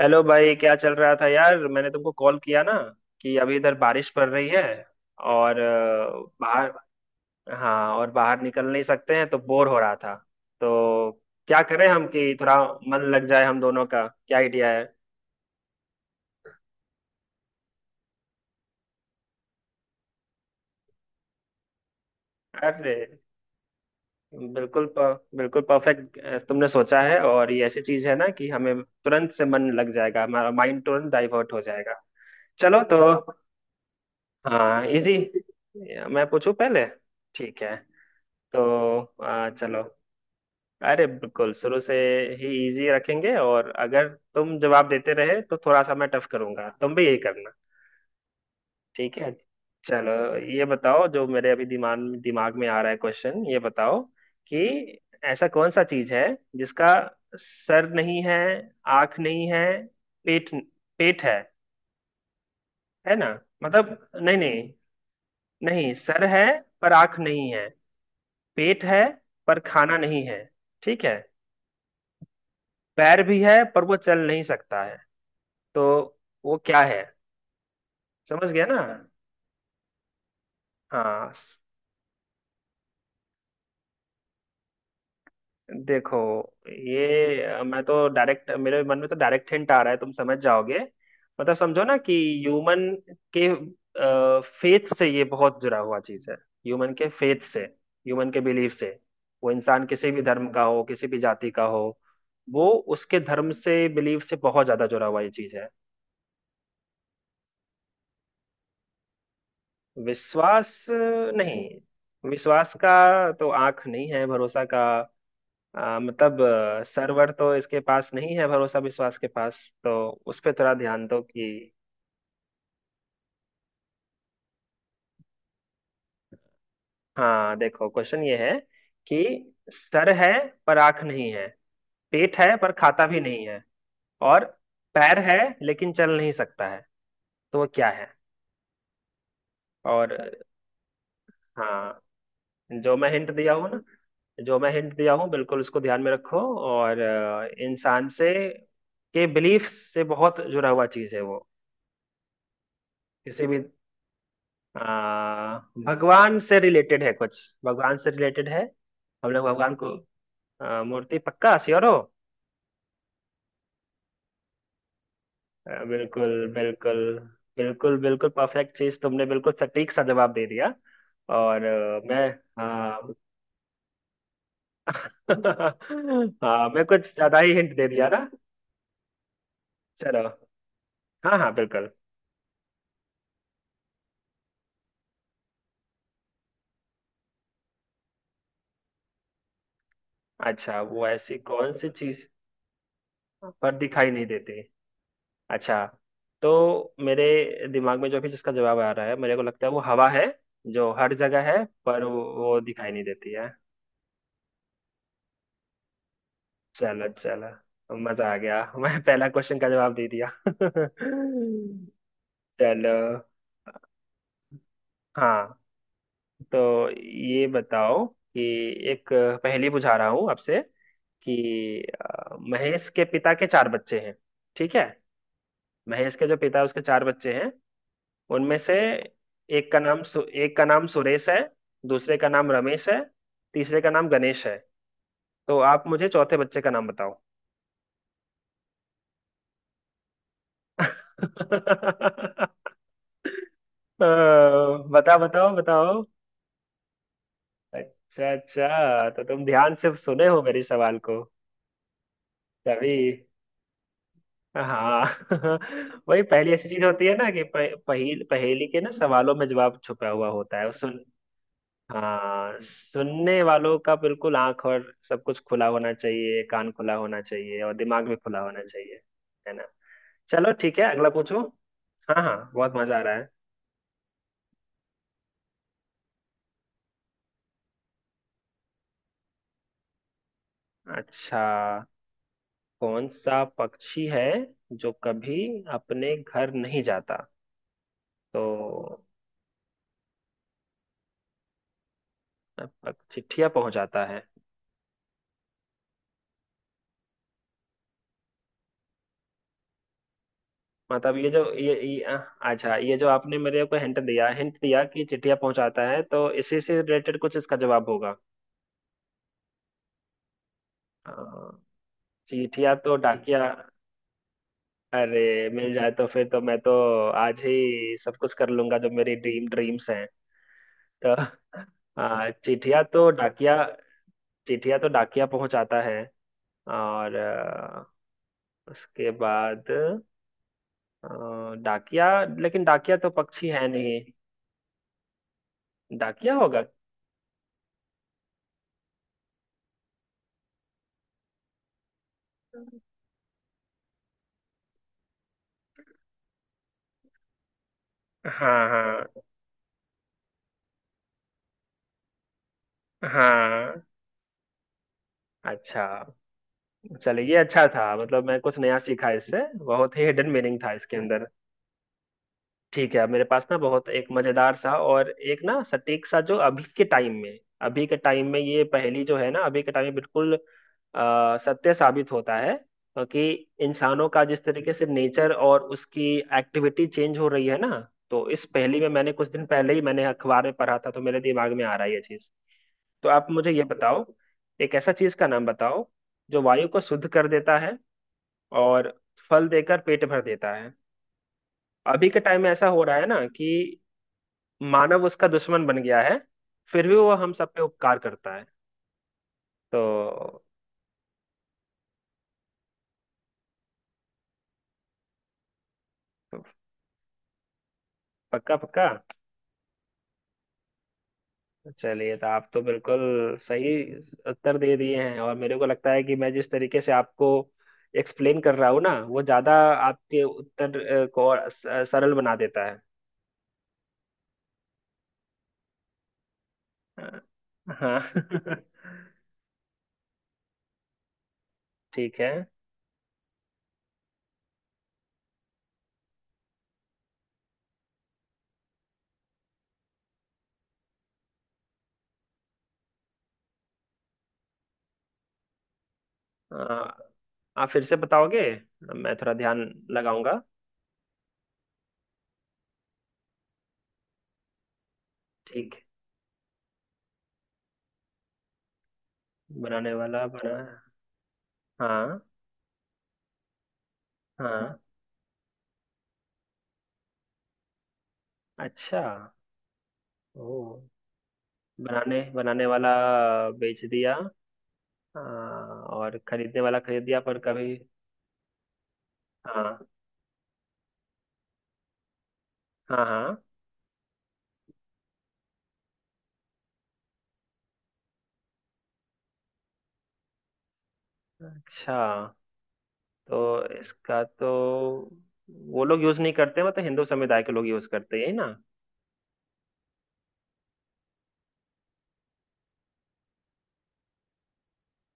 Hello भाई, क्या चल रहा था यार? मैंने तुमको कॉल किया ना, कि अभी इधर बारिश पड़ रही है और बाहर। हाँ, और बाहर निकल नहीं सकते हैं तो बोर हो रहा था। तो क्या करें हम कि थोड़ा मन लग जाए, हम दोनों का क्या आइडिया है? अरे बिल्कुल बिल्कुल परफेक्ट। तुमने सोचा है, और ये ऐसी चीज है ना कि हमें तुरंत से मन लग जाएगा, हमारा माइंड तुरंत डाइवर्ट हो जाएगा। चलो तो। हाँ, इजी। मैं पूछूं पहले? ठीक है। तो चलो। अरे बिल्कुल शुरू से ही इजी रखेंगे, और अगर तुम जवाब देते रहे तो थोड़ा सा मैं टफ करूंगा, तुम भी यही करना। ठीक है, चलो। ये बताओ, जो मेरे अभी दिमाग दिमाग में आ रहा है क्वेश्चन, ये बताओ कि ऐसा कौन सा चीज है जिसका सर नहीं है, आंख नहीं है, पेट पेट है ना? मतलब, नहीं नहीं, नहीं, सर है पर आंख नहीं है, पेट है पर खाना नहीं है, ठीक है? पैर भी है पर वो चल नहीं सकता है, तो वो क्या है? समझ गया ना? हाँ देखो, ये मैं तो डायरेक्ट, मेरे मन में तो डायरेक्ट हिंट आ रहा है, तुम समझ जाओगे। मतलब समझो ना, कि ह्यूमन के फेथ से ये बहुत जुड़ा हुआ चीज है, ह्यूमन के फेथ से, ह्यूमन के बिलीफ से। वो इंसान किसी भी धर्म का हो, किसी भी जाति का हो, वो उसके धर्म से, बिलीफ से बहुत ज्यादा जुड़ा हुआ ये चीज है। विश्वास नहीं, विश्वास का तो आंख नहीं है, भरोसा का मतलब सर्वर तो इसके पास नहीं है, भरोसा विश्वास के पास। तो उस पे थोड़ा ध्यान दो कि। हाँ देखो, क्वेश्चन ये है कि सर है पर आंख नहीं है, पेट है पर खाता भी नहीं है, और पैर है लेकिन चल नहीं सकता है, तो वो क्या है? और हाँ, जो मैं हिंट दिया हूँ ना, जो मैं हिंट दिया हूँ बिल्कुल उसको ध्यान में रखो। और इंसान से, के बिलीफ से बहुत जुड़ा हुआ चीज है वो। किसी भी। हाँ, भगवान से रिलेटेड है कुछ। भगवान से रिलेटेड है। हम लोग भगवान को मूर्ति, पक्का श्योर हो? बिल्कुल बिल्कुल, बिल्कुल बिल्कुल परफेक्ट चीज, तुमने बिल्कुल सटीक सा जवाब दे दिया। और मैं। हाँ। हाँ, मैं कुछ ज्यादा ही हिंट दे दिया ना। चलो। हाँ हाँ, बिल्कुल। अच्छा, वो ऐसी कौन सी चीज पर दिखाई नहीं देती? अच्छा। तो मेरे दिमाग में जो भी, जिसका जवाब आ रहा है, मेरे को लगता है वो हवा है, जो हर जगह है पर वो दिखाई नहीं देती है। चलो चलो, मजा आ गया। मैं पहला क्वेश्चन का जवाब दे दिया। चलो। हाँ। तो ये बताओ कि, एक पहेली बुझा रहा हूँ आपसे, कि महेश के पिता के चार बच्चे हैं, ठीक है? महेश के जो पिता है उसके चार बच्चे हैं, उनमें से एक का नाम एक का नाम सुरेश है, दूसरे का नाम रमेश है, तीसरे का नाम गणेश है। तो आप मुझे चौथे बच्चे का नाम बताओ। बताओ बताओ बताओ। अच्छा अच्छा, तो तुम ध्यान से सुने हो मेरे सवाल को, तभी। हाँ। वही पहली ऐसी चीज होती है ना, कि पहेली के ना सवालों में जवाब छुपा हुआ होता है, वो सुन। हाँ, सुनने वालों का बिल्कुल आंख और सब कुछ खुला होना चाहिए, कान खुला होना चाहिए और दिमाग भी खुला होना चाहिए, है ना? चलो ठीक है, अगला पूछो। हाँ हाँ, बहुत मजा आ रहा है। अच्छा, कौन सा पक्षी है जो कभी अपने घर नहीं जाता? तो चिट्ठिया पहुंचाता है। मतलब ये। अच्छा, ये जो आपने मेरे को हिंट दिया, हिंट दिया कि चिट्ठिया पहुंचाता है, तो इसी से रिलेटेड कुछ इसका जवाब होगा। अ, चिट्ठिया तो डाकिया। अरे मिल जाए तो फिर तो मैं तो आज ही सब कुछ कर लूंगा जो मेरी ड्रीम्स हैं। तो आ, चिट्ठिया तो डाकिया चिट्ठिया तो डाकिया पहुंचाता है, और उसके बाद आ, डाकिया, लेकिन डाकिया तो पक्षी है नहीं, डाकिया होगा। हाँ हाँ हाँ। अच्छा। चलिए, ये अच्छा था, मतलब मैं कुछ नया सीखा इससे, बहुत ही हिडन मीनिंग था इसके अंदर। ठीक है, मेरे पास ना बहुत एक मजेदार सा और एक ना सटीक सा, जो अभी के टाइम में, ये पहेली जो है ना, अभी के टाइम में बिल्कुल सत्य साबित होता है, क्योंकि इंसानों का जिस तरीके से नेचर और उसकी एक्टिविटी चेंज हो रही है ना, तो इस पहेली में मैंने कुछ दिन पहले ही मैंने अखबार में पढ़ा था, तो मेरे दिमाग में आ रहा है ये चीज। तो आप मुझे ये बताओ, एक ऐसा चीज का नाम बताओ, जो वायु को शुद्ध कर देता है, और फल देकर पेट भर देता है। अभी के टाइम में ऐसा हो रहा है ना कि मानव उसका दुश्मन बन गया है, फिर भी वो हम सब पे उपकार करता है। तो, पक्का पक्का? चलिए, तो आप तो बिल्कुल सही उत्तर दे दिए हैं, और मेरे को लगता है कि मैं जिस तरीके से आपको एक्सप्लेन कर रहा हूँ ना, वो ज्यादा आपके उत्तर को और सरल बना देता है। अ, हाँ। ठीक है। अ, आप फिर से बताओगे? मैं थोड़ा ध्यान लगाऊंगा। ठीक। बनाने वाला बना। हाँ हाँ। अच्छा। ओह। बनाने बनाने वाला बेच दिया, और खरीदने वाला खरीद दिया पर कभी। हाँ हाँ हाँ। अच्छा। तो इसका तो, वो लोग यूज नहीं करते, मतलब हिंदू समुदाय के लोग यूज करते हैं, यही ना?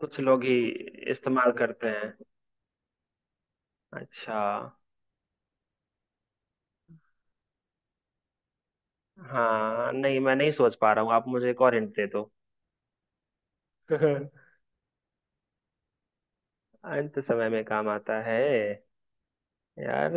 कुछ लोग ही इस्तेमाल करते हैं। अच्छा। हाँ नहीं, मैं नहीं सोच पा रहा हूँ, आप मुझे एक और हिंट दे दो। अंत समय में काम आता है, यार?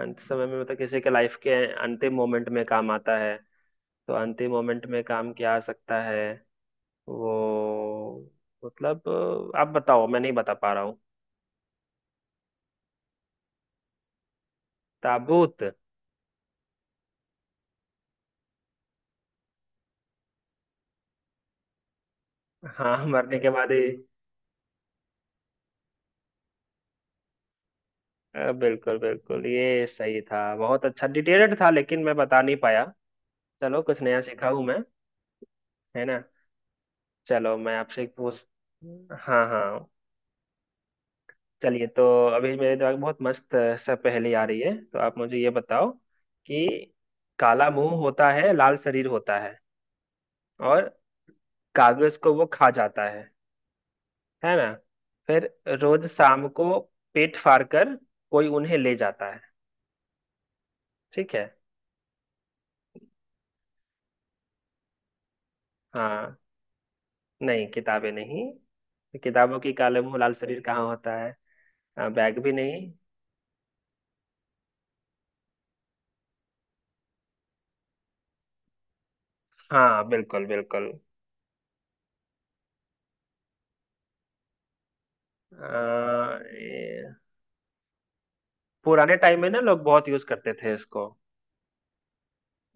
अंत समय में मतलब किसी के लाइफ के अंतिम मोमेंट में काम आता है। तो अंतिम मोमेंट में काम क्या आ सकता है? वो, मतलब आप बताओ, मैं नहीं बता पा रहा हूँ। ताबूत। हाँ। मरने के बाद ही। बिल्कुल बिल्कुल, ये सही था, बहुत अच्छा डिटेल्ड था, लेकिन मैं बता नहीं पाया। चलो, कुछ नया सीखा हूँ मैं, है ना? चलो, मैं आपसे एक पूछ। हाँ हाँ। चलिए। तो अभी मेरे दिमाग में बहुत मस्त सा पहेली आ रही है, तो आप मुझे ये बताओ कि, काला मुंह होता है, लाल शरीर होता है, और कागज को वो खा जाता है ना? फिर रोज शाम को पेट फाड़ कर कोई उन्हें ले जाता है। ठीक है। हाँ, नहीं किताबें नहीं, किताबों की काले मुंह लाल शरीर कहाँ होता है? हाँ, बैग भी नहीं। हाँ बिल्कुल बिल्कुल। आ, ये- पुराने टाइम में ना लोग बहुत यूज करते थे इसको,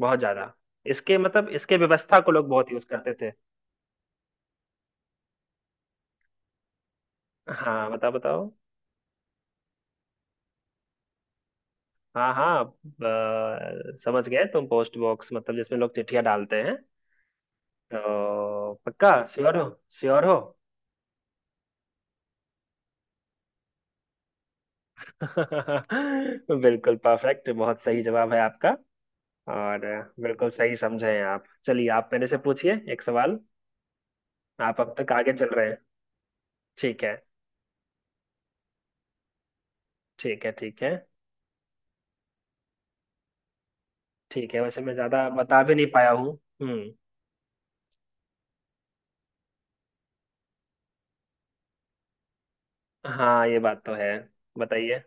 बहुत ज्यादा। इसके, मतलब इसके व्यवस्था को लोग बहुत यूज करते थे। हाँ, बताओ बताओ। हाँ हाँ समझ गए तुम, पोस्ट बॉक्स, मतलब जिसमें लोग चिट्ठियां डालते हैं। तो पक्का श्योर हो? श्योर हो? बिल्कुल परफेक्ट, बहुत सही जवाब है आपका। और बिल्कुल सही समझे हैं आप। चलिए, आप मेरे से पूछिए एक सवाल। आप अब तक आगे चल रहे हैं, ठीक है। ठीक है ठीक है, ठीक है वैसे मैं ज्यादा बता भी नहीं पाया हूँ। हम्म। हाँ, ये बात तो है। बताइए।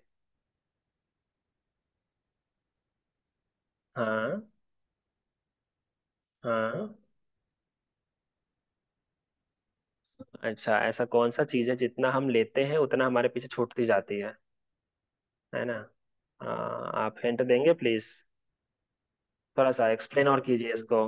हाँ हाँ। अच्छा, ऐसा कौन सा चीज है जितना हम लेते हैं उतना हमारे पीछे छूटती जाती है ना? हाँ, आप हिंट देंगे प्लीज, थोड़ा सा एक्सप्लेन और कीजिए इसको।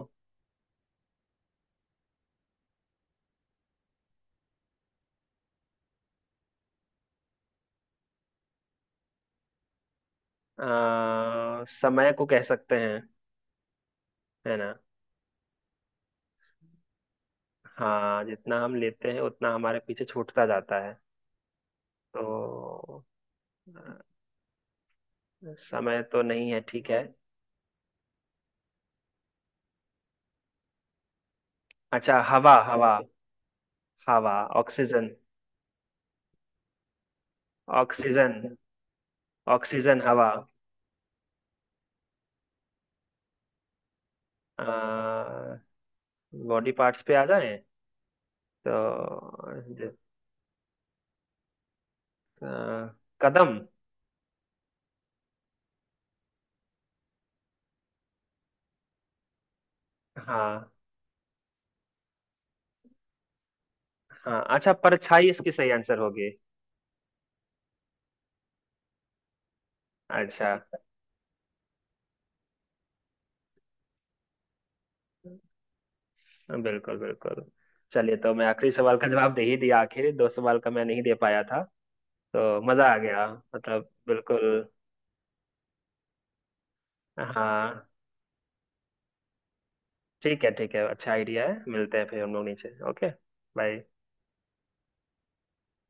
अ, समय को कह सकते हैं, है ना? हाँ, जितना हम लेते हैं उतना हमारे पीछे छूटता जाता है। तो अ, समय तो नहीं है, ठीक है। अच्छा, हवा हवा। हवा। ऑक्सीजन। ऑक्सीजन। ऑक्सीजन हवा। बॉडी पार्ट्स पे आ जाए? तो जित- अ, कदम। हाँ हाँ। अच्छा, परछाई इसकी सही आंसर होगी? अच्छा, बिल्कुल बिल्कुल। चलिए, तो मैं आखिरी सवाल का जवाब दे ही दिया, आखिर दो सवाल का मैं नहीं दे पाया था। तो मजा आ गया। मतलब बिल्कुल। हाँ ठीक है ठीक है, अच्छा आइडिया है, मिलते हैं फिर हम लोग नीचे। Okay, bye.